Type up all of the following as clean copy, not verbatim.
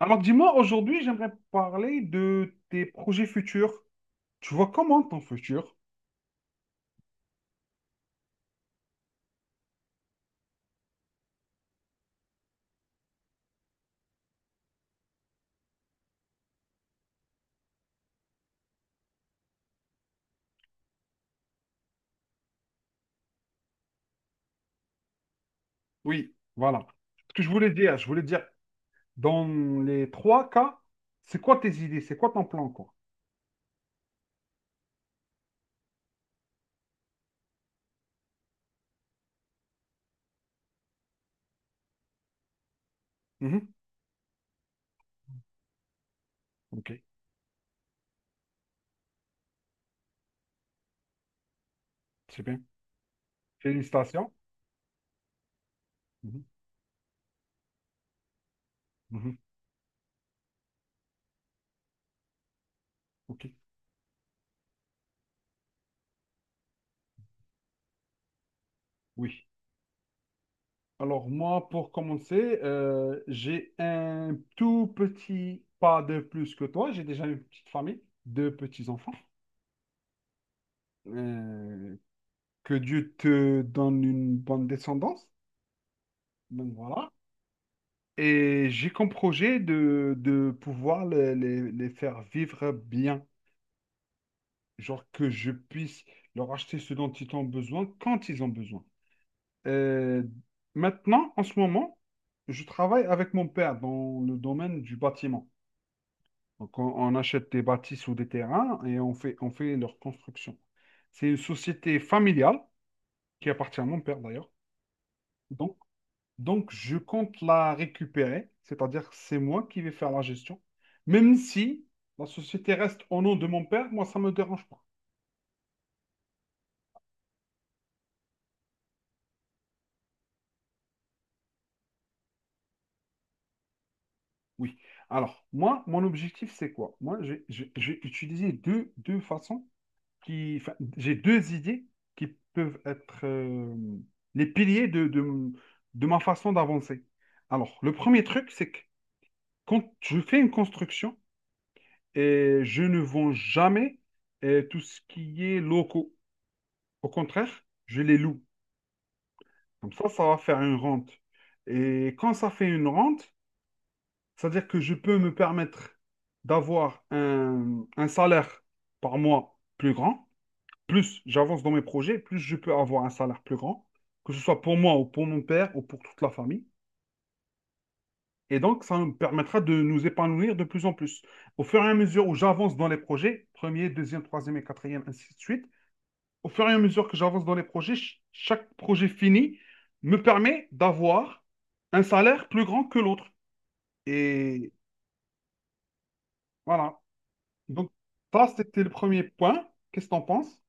Alors dis-moi, aujourd'hui, j'aimerais parler de tes projets futurs. Tu vois comment ton futur? Oui, voilà. Ce que je voulais dire, dans les trois cas, c'est quoi tes idées? C'est quoi ton plan, quoi? Mhm. Ok, c'est bien. Félicitations. Mhm. Mhm. Ok, oui. Alors moi, pour commencer, j'ai un tout petit pas de plus que toi. J'ai déjà une petite famille, deux petits-enfants. Euh, que Dieu te donne une bonne descendance. Donc voilà. Et j'ai comme projet de pouvoir les faire vivre bien. Genre que je puisse leur acheter ce dont ils ont besoin quand ils ont besoin. Euh, maintenant, en ce moment, je travaille avec mon père dans le domaine du bâtiment. Donc, on achète des bâtisses ou des terrains et on fait leur construction. C'est une société familiale qui appartient à mon père d'ailleurs. Donc, donc, je compte la récupérer, c'est-à-dire que c'est moi qui vais faire la gestion. Même si la société reste au nom de mon père, moi, ça ne me dérange pas. Oui. Alors, moi, mon objectif, c'est quoi? Moi, j'ai utilisé deux façons qui, enfin, j'ai deux idées qui peuvent être les piliers de ma façon d'avancer. Alors, le premier truc, c'est que quand je fais une construction, et je ne vends jamais tout ce qui est locaux. Au contraire, je les loue. Comme ça va faire une rente. Et quand ça fait une rente, c'est-à-dire que je peux me permettre d'avoir un salaire par mois plus grand plus j'avance dans mes projets, plus je peux avoir un salaire plus grand, que ce soit pour moi ou pour mon père ou pour toute la famille. Et donc, ça me permettra de nous épanouir de plus en plus. Au fur et à mesure où j'avance dans les projets, premier, deuxième, troisième et quatrième, ainsi de suite, au fur et à mesure que j'avance dans les projets, chaque projet fini me permet d'avoir un salaire plus grand que l'autre. Et voilà. Donc, ça, c'était le premier point. Qu'est-ce que tu en penses?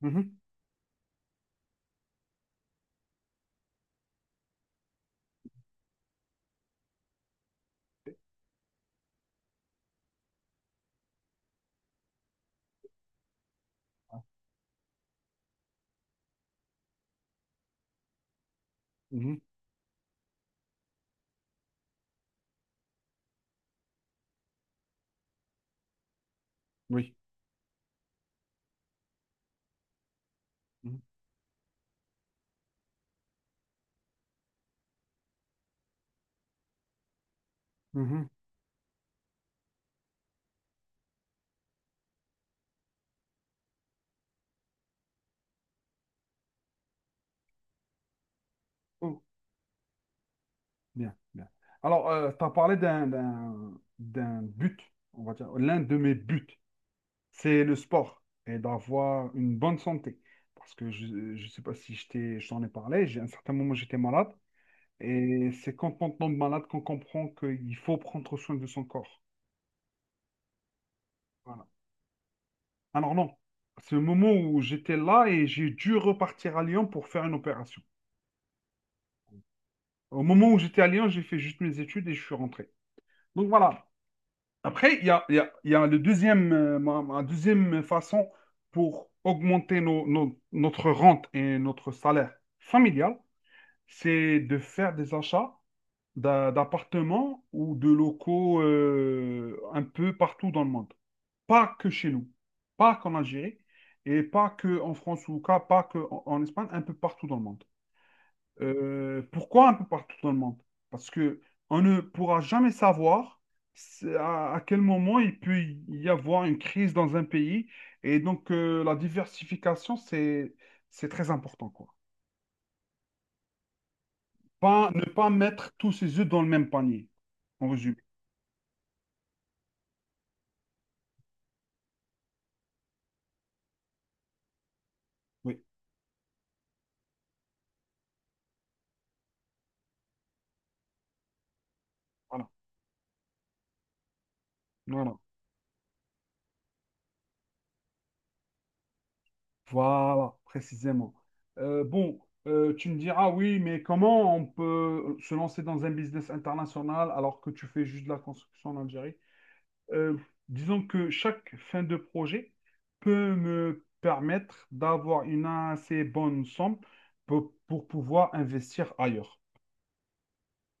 Mhm, mhm, oui. Mhm, mhm. Bien, bien. Alors, tu as parlé d'un but, on va dire, l'un de mes buts, c'est le sport et d'avoir une bonne santé. Parce que je ne sais pas si je t'en ai parlé, j'ai, à un certain moment, j'étais malade. Et c'est quand on tombe malade qu'on comprend qu'il faut prendre soin de son corps. Voilà. Alors non, c'est le moment où j'étais là et j'ai dû repartir à Lyon pour faire une opération. Au moment où j'étais à Lyon, j'ai fait juste mes études et je suis rentré. Donc voilà. Après, il y a le deuxième, ma deuxième façon pour augmenter notre rente et notre salaire familial, c'est de faire des achats d'appartements ou de locaux un peu partout dans le monde. Pas que chez nous, pas qu'en Algérie et pas que en France pas que en Espagne, un peu partout dans le monde. Pourquoi un peu partout dans le monde? Parce que on ne pourra jamais savoir c'est à quel moment il peut y avoir une crise dans un pays. Et donc, la diversification, c'est très important, quoi. Pas, ne pas mettre tous ses œufs dans le même panier, en résumé. Oui, voilà, voilà, voilà, précisément. Euh, bon, tu me diras, oui, mais comment on peut se lancer dans un business international alors que tu fais juste de la construction en Algérie? Euh, disons que chaque fin de projet peut me permettre d'avoir une assez bonne somme pour pouvoir investir ailleurs.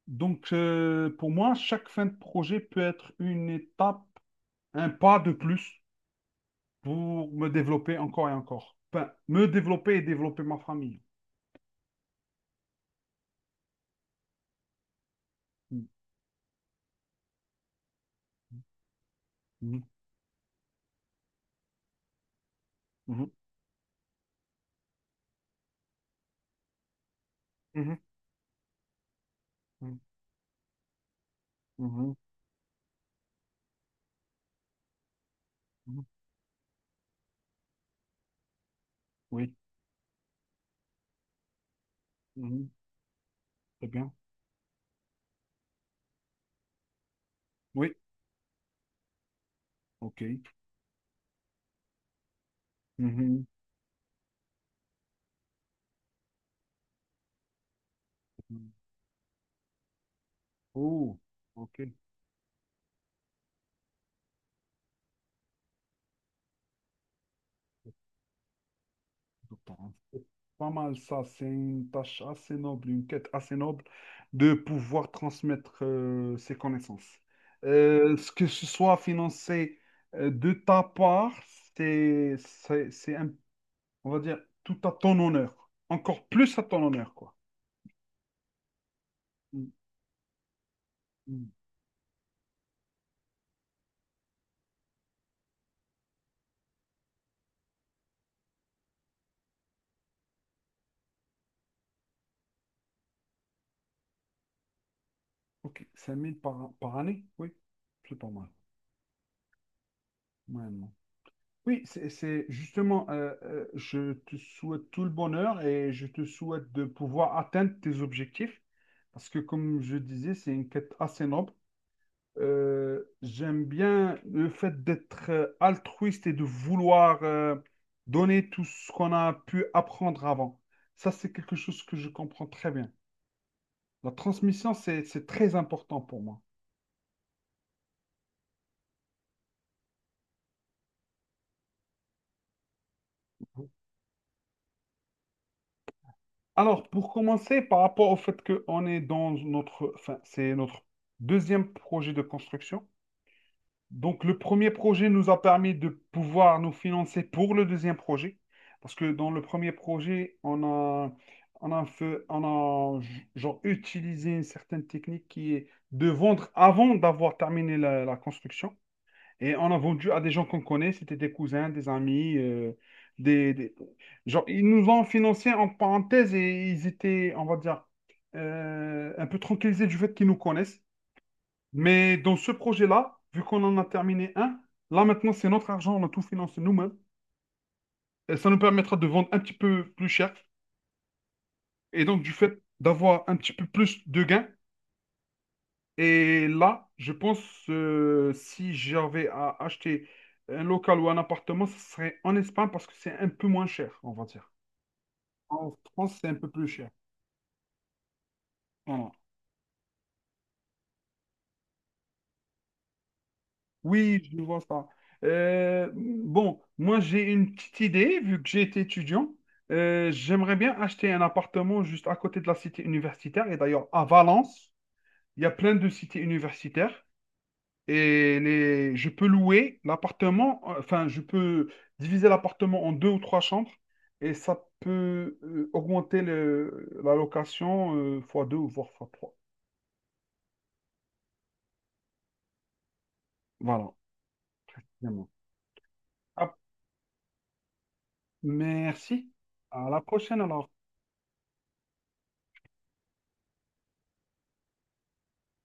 Donc, pour moi, chaque fin de projet peut être une étape, un pas de plus pour me développer encore et encore. Enfin, me développer et développer ma famille. Mhm, mhm, mhm, mhm, mhm, mhm. Oui, mhm, très bien. Oui, ok. Mhm, mhm. Oh, ok. Bon, c'est pas mal ça, c'est une tâche assez noble, une quête assez noble de pouvoir transmettre ses connaissances. Ce que ce soit financé de ta part, c'est un- on va dire, tout à ton honneur. Encore plus à ton honneur, quoi. Mm, mm. Ok, 5000 par, par année, oui, c'est pas mal. Ouais, non. Oui, c'est justement, je te souhaite tout le bonheur et je te souhaite de pouvoir atteindre tes objectifs parce que, comme je disais, c'est une quête assez noble. J'aime bien le fait d'être altruiste et de vouloir donner tout ce qu'on a pu apprendre avant. Ça, c'est quelque chose que je comprends très bien. La transmission, c'est très important pour moi. Alors, pour commencer, par rapport au fait qu'on est dans notre, enfin, c'est notre deuxième projet de construction. Donc, le premier projet nous a permis de pouvoir nous financer pour le deuxième projet. Parce que dans le premier projet, on a genre, utilisé une certaine technique qui est de vendre avant d'avoir terminé la construction. Et on a vendu à des gens qu'on connaît, c'était des cousins, des amis, des, des- genre, ils nous ont financé en parenthèse et ils étaient, on va dire, un peu tranquillisés du fait qu'ils nous connaissent. Mais dans ce projet-là, vu qu'on en a terminé un, là maintenant c'est notre argent, on a tout financé nous-mêmes. Et ça nous permettra de vendre un petit peu plus cher. Et donc, du fait d'avoir un petit peu plus de gains, et là, je pense si j'avais à acheter un local ou un appartement, ce serait en Espagne parce que c'est un peu moins cher, on va dire. En France, c'est un peu plus cher. Voilà. Oui, je vois ça. Bon, moi, j'ai une petite idée, vu que j'ai été étudiant. J'aimerais bien acheter un appartement juste à côté de la cité universitaire. Et d'ailleurs, à Valence, il y a plein de cités universitaires. Et les, je peux louer l'appartement, enfin, je peux diviser l'appartement en deux ou trois chambres et ça peut augmenter la location fois deux ou voire fois trois. Voilà. Vraiment. Ah, merci. À la prochaine alors.